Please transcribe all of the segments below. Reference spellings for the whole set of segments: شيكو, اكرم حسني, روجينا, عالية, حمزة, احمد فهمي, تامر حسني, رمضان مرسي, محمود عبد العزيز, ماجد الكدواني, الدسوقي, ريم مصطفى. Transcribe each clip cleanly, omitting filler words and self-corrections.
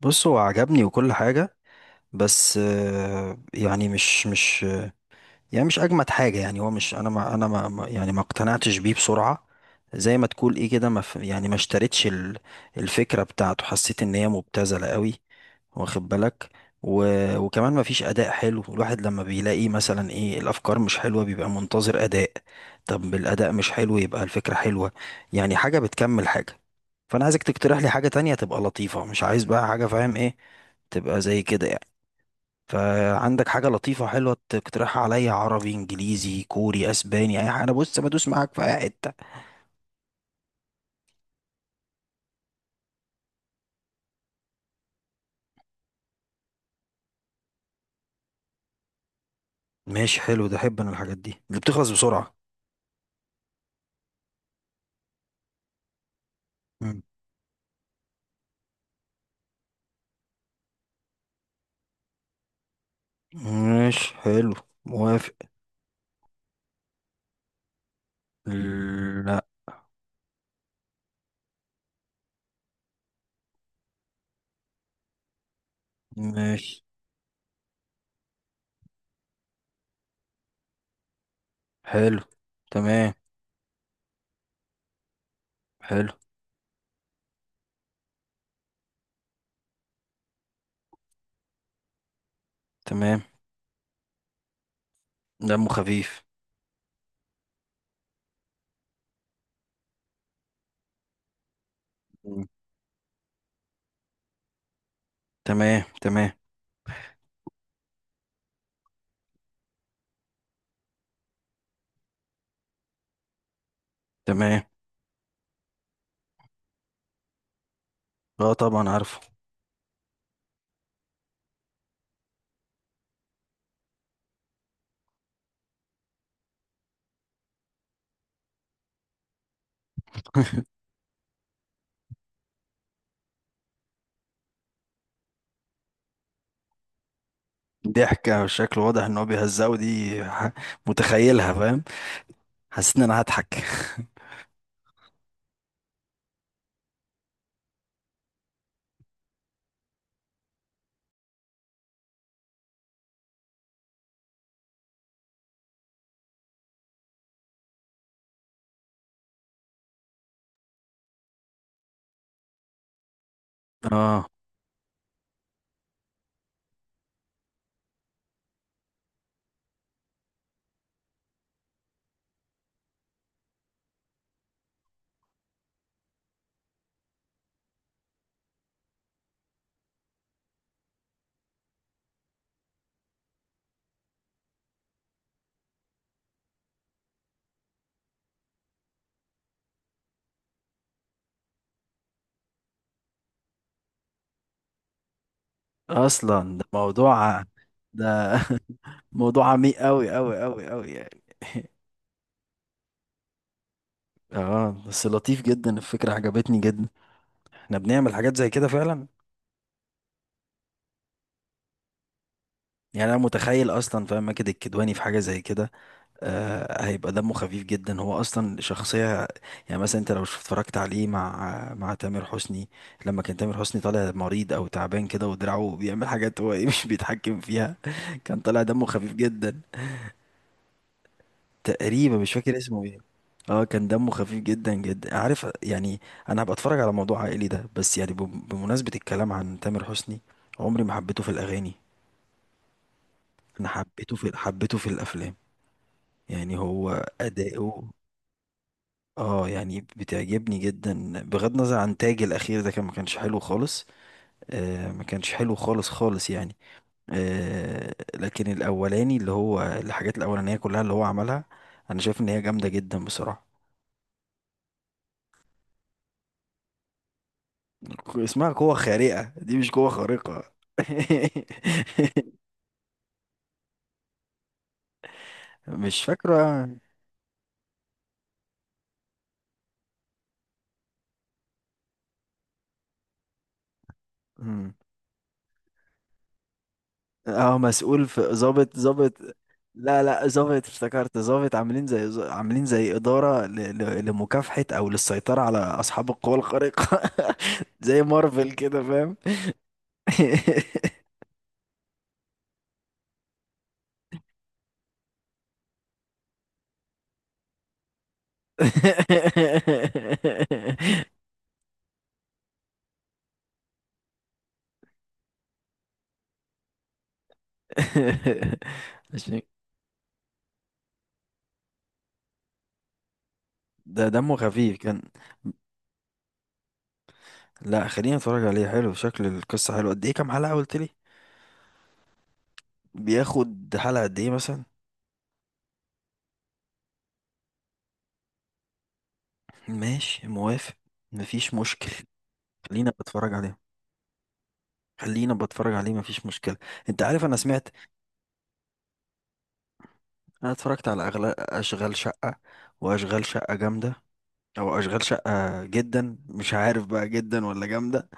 بص هو عجبني وكل حاجة. بس يعني مش يعني مش اجمد حاجه. يعني هو مش انا ما انا ما ما- يعني ما اقتنعتش بيه بسرعه. زي ما تقول ايه كده، ما ف- يعني ما اشتريتش الفكره بتاعته. حسيت ان هي مبتذله قوي، واخد بالك؟ و... وكمان ما فيش اداء حلو. الواحد لما بيلاقي مثلا ايه الافكار مش حلوه، بيبقى منتظر اداء. طب الاداء مش حلو، يبقى الفكره حلوه. يعني حاجه بتكمل حاجه. فانا عايزك تقترح لي حاجه تانية تبقى لطيفه، مش عايز بقى حاجه، فاهم ايه؟ تبقى زي كده يعني. فعندك حاجة لطيفة وحلوة تقترحها عليا؟ عربي، إنجليزي، كوري، أسباني، أي حاجة. أنا بص، بدوس معاك في أي حتة. ماشي، حلو ده. أحب أنا الحاجات دي اللي بتخلص بسرعة. مم. ماشي، حلو. موافق. لا. ماشي، حلو. تمام. حلو. تمام. دمه خفيف. مم. تمام، تمام، تمام. اه طبعا عارفه. ضحكة، والشكل واضح ان هو بيهزقه دي، متخيلها، فاهم. حسيت ان انا هضحك. اه اصلا ده موضوع، ده موضوع عميق قوي قوي قوي قوي يعني. اه بس لطيف جدا، الفكره عجبتني جدا. احنا بنعمل حاجات زي كده فعلا. يعني انا متخيل اصلا، فاهم، ماجد الكدواني في حاجه زي كده. آه هيبقى دمه خفيف جدا، هو اصلا شخصيه. يعني مثلا انت لو اتفرجت عليه مع تامر حسني، لما كان تامر حسني طالع مريض او تعبان كده، ودراعه بيعمل حاجات هو ايه مش بيتحكم فيها. كان طالع دمه خفيف جدا. تقريبا مش فاكر اسمه ايه. اه كان دمه خفيف جدا جدا، عارف يعني. انا هبقى اتفرج على موضوع عائلي ده. بس يعني، بمناسبة الكلام عن تامر حسني، عمري ما حبيته في الاغاني. انا حبيته في الافلام. يعني هو اداؤه اه يعني بتعجبني جدا، بغض النظر عن تاج الاخير ده، ما كانش حلو خالص. آه ما كانش حلو خالص خالص يعني. آه لكن الاولاني اللي هو الحاجات الاولانية كلها اللي هو عملها، انا شايف ان هي جامدة جدا بصراحة. اسمها قوة خارقة، دي مش قوة خارقة. مش فاكرة. مم. اه مسؤول في ضابط. لا لا، ضابط افتكرت، ضابط. عاملين زي، عاملين زي إدارة لمكافحة أو للسيطرة على أصحاب القوى الخارقة. زي مارفل كده، فاهم. عشان ده دمه خفيف كان. لا، خليني اتفرج عليه. حلو شكل القصة. حلو. قد ايه؟ كام حلقة قلت لي؟ بياخد حلقة قد ايه مثلا؟ ماشي، موافق. مفيش مشكل. خلينا بتفرج عليه. خلينا بتفرج عليه، مفيش مشكلة. انت عارف انا سمعت. انا اتفرجت على أغلى اشغال شقة. واشغال شقة جامدة. او اشغال شقة جدا، مش عارف بقى جدا ولا جامدة.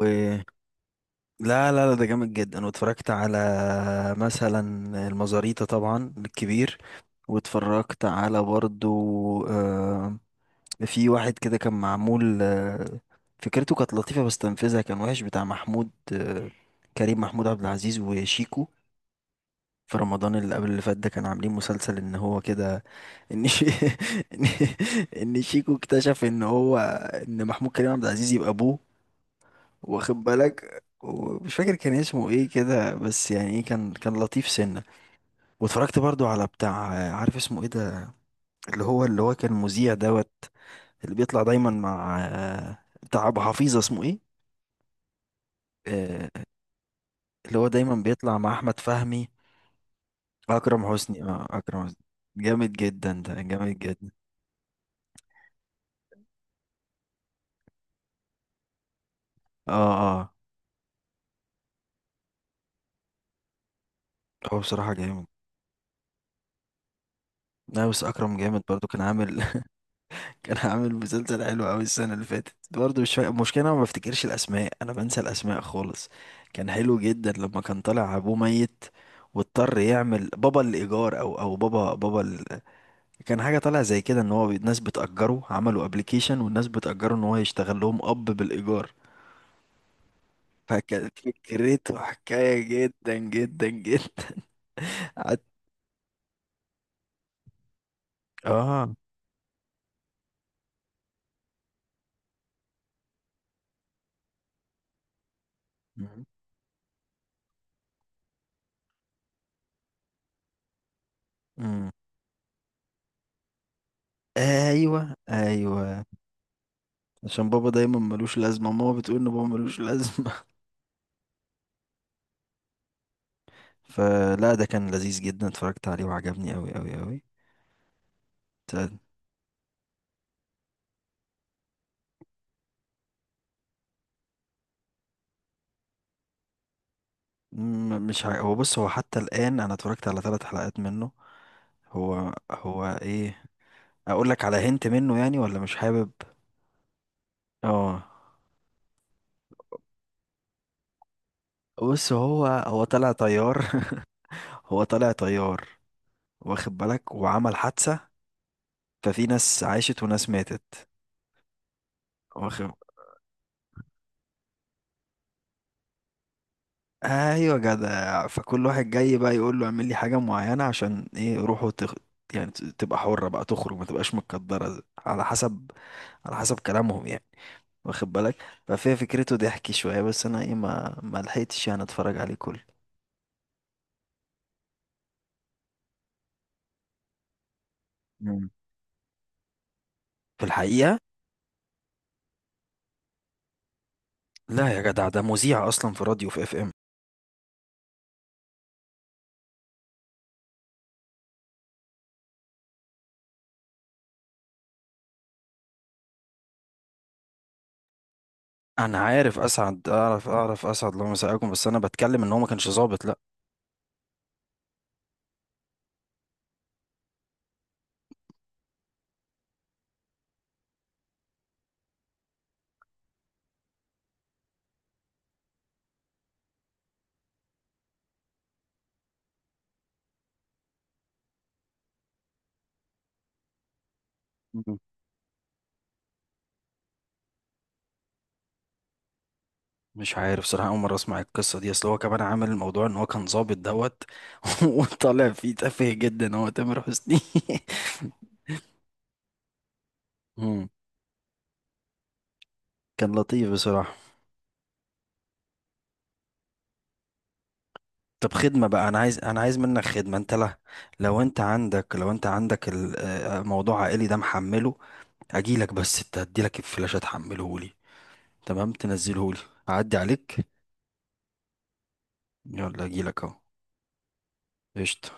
و... لا لا لا، ده جامد جدا. واتفرجت على مثلا المزاريطة، طبعا الكبير. واتفرجت على برضو، آه، في واحد كده كان معمول، فكرته كانت لطيفة بس تنفيذها كان وحش، بتاع محمود، كريم محمود عبد العزيز وشيكو. في رمضان اللي قبل اللي فات ده، كانوا عاملين مسلسل ان هو كده، ان شي... ان إن شيكو اكتشف ان هو ان محمود كريم عبد العزيز يبقى ابوه، واخد بالك. ومش فاكر كان اسمه ايه كده، بس يعني ايه كان لطيف سنة. واتفرجت برضو على بتاع، عارف اسمه ايه ده، اللي هو كان مذيع دوت، اللي بيطلع دايما مع، بتاع ابو حفيظه اسمه ايه، آه، اللي هو دايما بيطلع مع احمد فهمي. اكرم حسني، اه اكرم حسني. جامد جدا، ده جامد جدا. اه اه. هو بصراحه جامد. لا بس اكرم جامد برضو، كان عامل كان عامل مسلسل حلو قوي السنه اللي فاتت برضو، مش فا... المشكله انا ما بفتكرش الاسماء، انا بنسى الاسماء خالص. كان حلو جدا لما كان طالع ابوه ميت، واضطر يعمل بابا الايجار، او بابا كان حاجة طالعة زي كده ان هو ناس بتأجره عملوا ابلكيشن، والناس بتأجره ان هو يشتغل لهم اب بالإيجار. فكانت فكرته حكاية جدا جدا جدا. قعدت- اه. مم. مم. ايوه، ايوه. عشان بابا دايما ملوش لازمة، ماما بتقول ان بابا ملوش لازمة. فلا ده كان لذيذ جدا، اتفرجت عليه وعجبني اوي اوي اوي. ت- مش ع... هو بص، هو حتى الآن انا اتفرجت على 3 حلقات منه. هو ايه، اقول لك على هنت منه يعني ولا مش حابب؟ اه بص، هو طلع طيار. هو طلع طيار، واخد بالك، وعمل حادثة. ففي ناس عاشت وناس ماتت. واخد. ايوه، جدع. فكل واحد جاي بقى يقول له اعمل لي حاجة معينة عشان ايه روحه يعني تبقى حرة بقى، تخرج، ما تبقاش متقدرة، على حسب، على حسب كلامهم يعني، واخد بالك. ففي فكرته ضحك شوية، بس انا ايه ما لحقتش يعني اتفرج عليه كله. مم. في الحقيقة، لا يا جدع، ده مذيع اصلا في راديو في FM. انا عارف اسعد، اعرف اسعد الله مساءكم، بس انا بتكلم ان هو ما كانش ظابط، لا. م- مش عارف صراحه، اول مره اسمع القصه دي. اصل هو كمان عامل الموضوع ان هو كان ظابط دوت. وطالع فيه تافه جدا هو، تامر حسني. مم. كان لطيف بصراحه. طب خدمه بقى، انا عايز، منك خدمه، انت لا، لو انت عندك، موضوع عائلي ده محمله، اجيلك. بس انت هديلك الفلاشه تحمله لي، تمام، تنزله لي. اعدي عليك. يلا اجيلك اهو. قشطه.